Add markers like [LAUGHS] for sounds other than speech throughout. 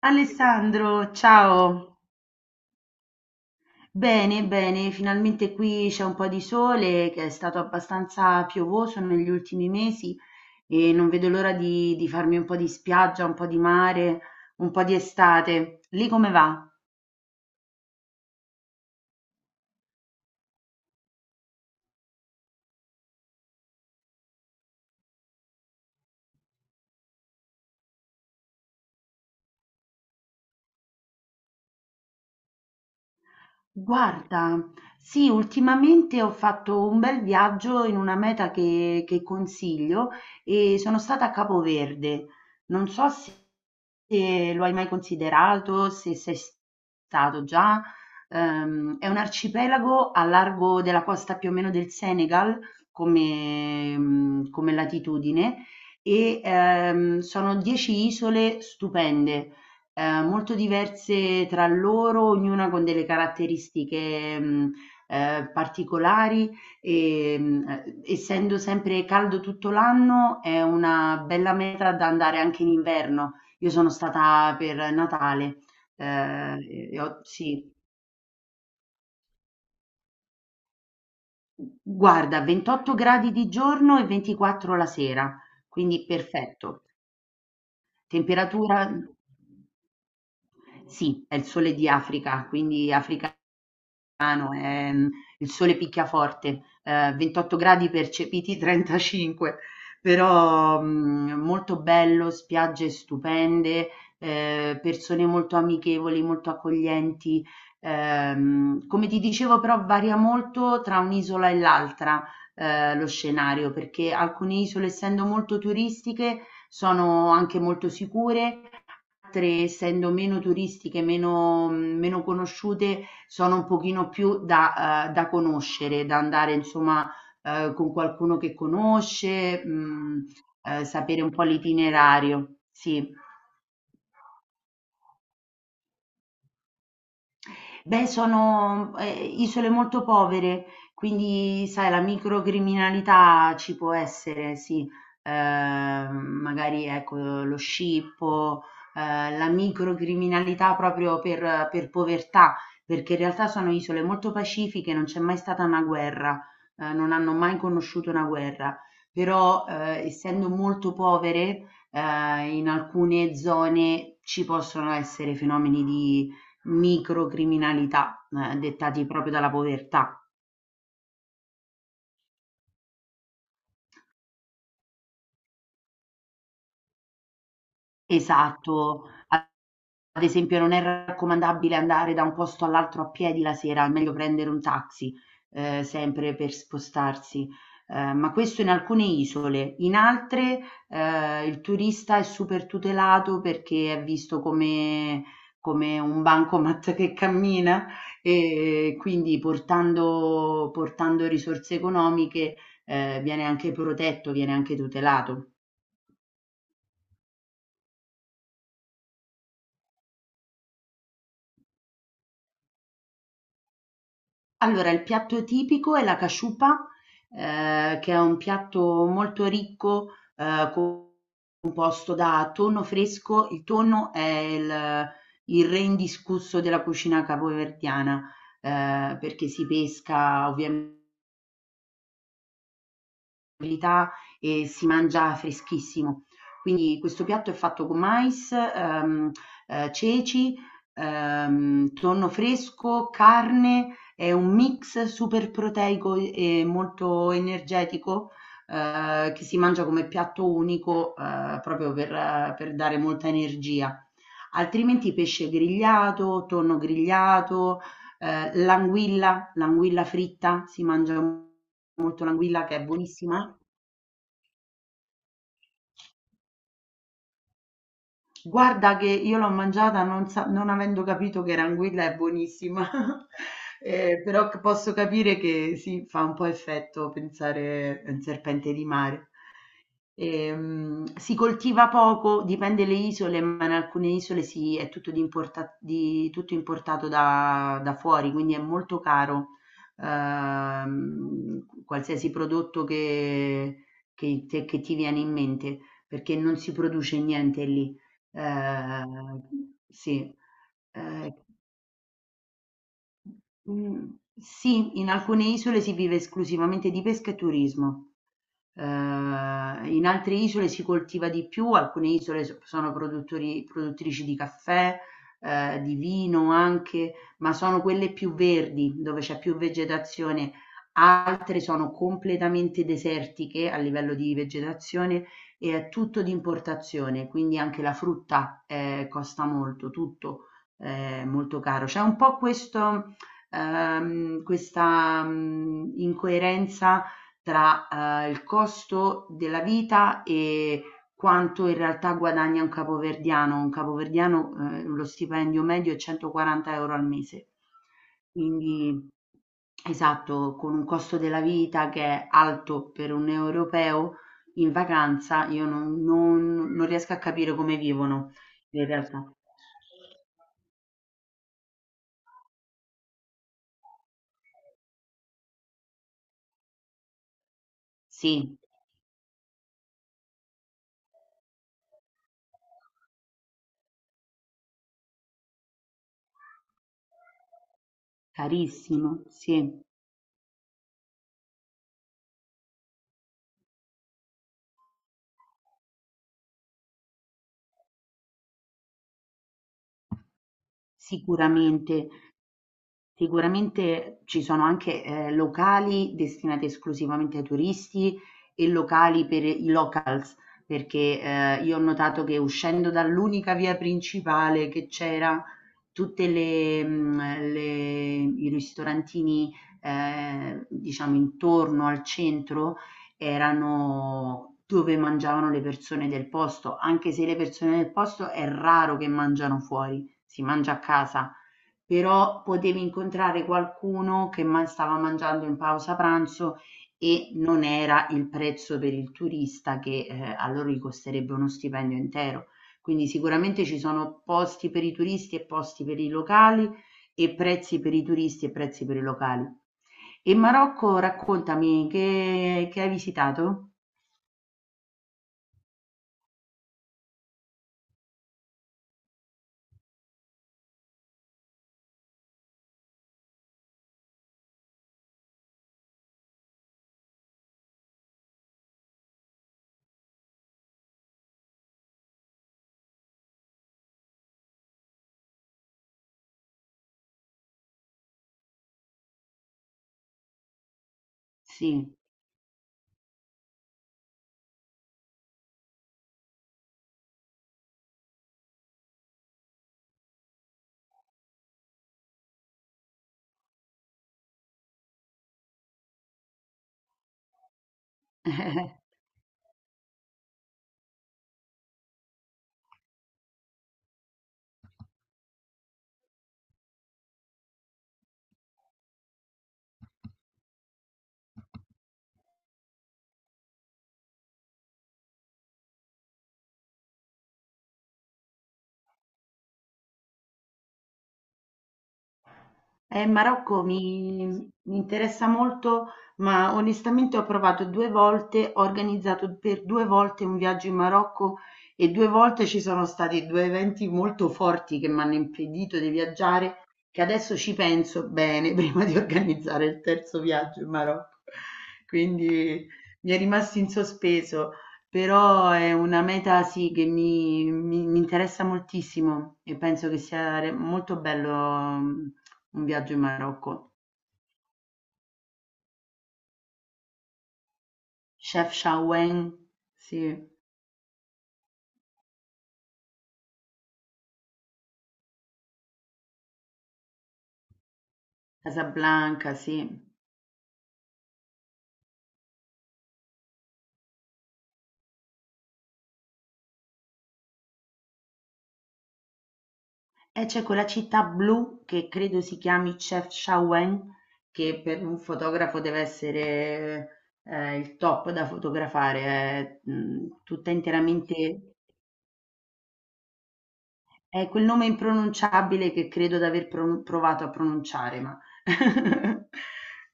Alessandro, ciao. Bene, bene, finalmente qui c'è un po' di sole che è stato abbastanza piovoso negli ultimi mesi e non vedo l'ora di farmi un po' di spiaggia, un po' di mare, un po' di estate. Lì come va? Guarda, sì, ultimamente ho fatto un bel viaggio in una meta che consiglio e sono stata a Capoverde. Non so se se lo hai mai considerato, se sei stato già. È un arcipelago a largo della costa più o meno del Senegal come, come latitudine e sono 10 isole stupende, molto diverse tra loro, ognuna con delle caratteristiche, particolari, essendo sempre caldo tutto l'anno è una bella meta da andare anche in inverno. Io sono stata per Natale, ehm, e ho sì, guarda, 28 gradi di giorno e 24 la sera, quindi perfetto. Temperatura sì, è il sole di Africa, quindi Africa Milano, è, il sole picchia forte, 28 gradi percepiti, [LAUGHS] 35, però molto bello, spiagge stupende, persone molto amichevoli, molto accoglienti. Come ti dicevo, però varia molto tra un'isola e l'altra lo scenario, perché alcune isole, essendo molto turistiche, sono anche molto sicure, altre, essendo meno turistiche, meno conosciute, sono un pochino più da conoscere, da andare insomma con qualcuno che conosce. Mh, sapere un po' l'itinerario. Sì. Beh, sono, isole molto povere, quindi sai la microcriminalità ci può essere, sì. Ehm, magari ecco lo scippo, la microcriminalità proprio per povertà, perché in realtà sono isole molto pacifiche, non c'è mai stata una guerra, non hanno mai conosciuto una guerra, però, essendo molto povere, in alcune zone ci possono essere fenomeni di microcriminalità, dettati proprio dalla povertà. Esatto. Ad esempio non è raccomandabile andare da un posto all'altro a piedi la sera, è meglio prendere un taxi, sempre per spostarsi, ma questo in alcune isole. In altre, il turista è super tutelato perché è visto come come un bancomat che cammina e quindi portando risorse economiche, viene anche protetto, viene anche tutelato. Allora, il piatto tipico è la casciupa, che è un piatto molto ricco, ehm, composto da tonno fresco. Il tonno è il re indiscusso della cucina capoverdiana, perché si pesca ovviamente abilità e si mangia freschissimo. Quindi questo piatto è fatto con mais, ceci, tonno fresco, carne, è un mix super proteico e molto energetico, che si mangia come piatto unico, proprio per dare molta energia. Altrimenti pesce grigliato, tonno grigliato, l'anguilla, l'anguilla fritta, si mangia molto l'anguilla che è buonissima. Guarda che io l'ho mangiata non avendo capito che Ranguilla è buonissima, [LAUGHS] però c posso capire che sì, fa un po' effetto pensare a un serpente di mare. Si coltiva poco, dipende le isole, ma in alcune isole si è tutto di importa di tutto importato da fuori, quindi è molto caro, qualsiasi prodotto che ti viene in mente, perché non si produce niente lì. Ehm, sì, ehm, mhmm, sì, in alcune isole si vive esclusivamente di pesca e turismo. In altre isole si coltiva di più, alcune isole sono produttori, produttrici di caffè, di vino anche, ma sono quelle più verdi, dove c'è più vegetazione. Altre sono completamente desertiche a livello di vegetazione e è tutto di importazione, quindi anche la frutta costa molto, tutto molto caro. C'è un po' questo, questa incoerenza tra il costo della vita e quanto in realtà guadagna un capoverdiano. Un capoverdiano, lo stipendio medio è 140 euro al mese. Quindi, esatto, con un costo della vita che è alto per un europeo in vacanza, io non riesco a capire come vivono in realtà. Sì, carissimo, sì, sicuramente. Sicuramente ci sono anche, locali destinati esclusivamente ai turisti e locali per i locals, perché, io ho notato che uscendo dall'unica via principale che c'era, tutte le le i ristorantini, diciamo intorno al centro erano dove mangiavano le persone del posto, anche se le persone del posto è raro che mangiano fuori, si mangia a casa però potevi incontrare qualcuno che stava mangiando in pausa pranzo e non era il prezzo per il turista che a loro gli costerebbe uno stipendio intero. Quindi sicuramente ci sono posti per i turisti e posti per i locali e prezzi per i turisti e prezzi per i locali. E Marocco, raccontami, che hai visitato? Sì. [LAUGHS] Marocco mi interessa molto, ma onestamente ho provato due volte, ho organizzato per due volte un viaggio in Marocco e due volte ci sono stati due eventi molto forti che mi hanno impedito di viaggiare, che adesso ci penso bene [LAUGHS] prima di organizzare il terzo viaggio in Marocco. Quindi mi è rimasto in sospeso, però è una meta sì che mi interessa moltissimo e penso che sia molto bello. Un viaggio in Marocco. Chefchaouen, sì. Casablanca, sì. E c'è quella città blu che credo si chiami Chefchaouen, che per un fotografo deve essere il top da fotografare, è tutta interamente... È quel nome impronunciabile che credo di aver provato a pronunciare, ma... [LAUGHS]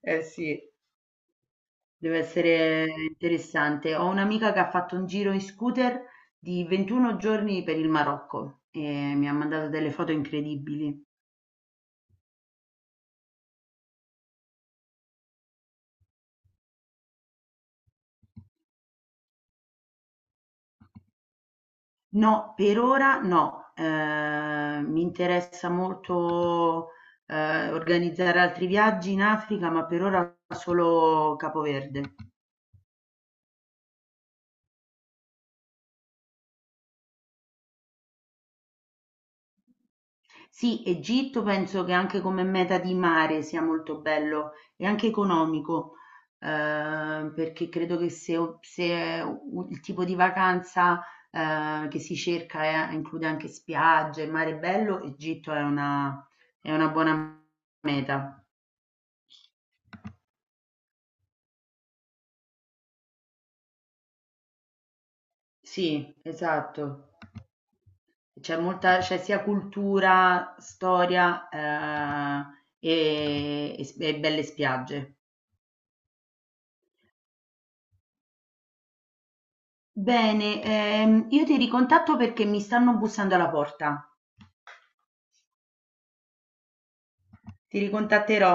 Eh sì. Deve essere interessante. Ho un'amica che ha fatto un giro in scooter di 21 giorni per il Marocco e mi ha mandato delle foto incredibili. No, per ora no. Mi interessa molto organizzare altri viaggi in Africa, ma per ora solo Capoverde. Sì, Egitto penso che anche come meta di mare sia molto bello e anche economico, perché credo che se u- il tipo di vacanza che si cerca include anche spiagge, mare bello, Egitto è una buona meta. Sì, esatto. C'è molta, c'è sia cultura, storia e belle spiagge. Bene, io ti ricontatto perché mi stanno bussando alla porta. Ti ricontatterò.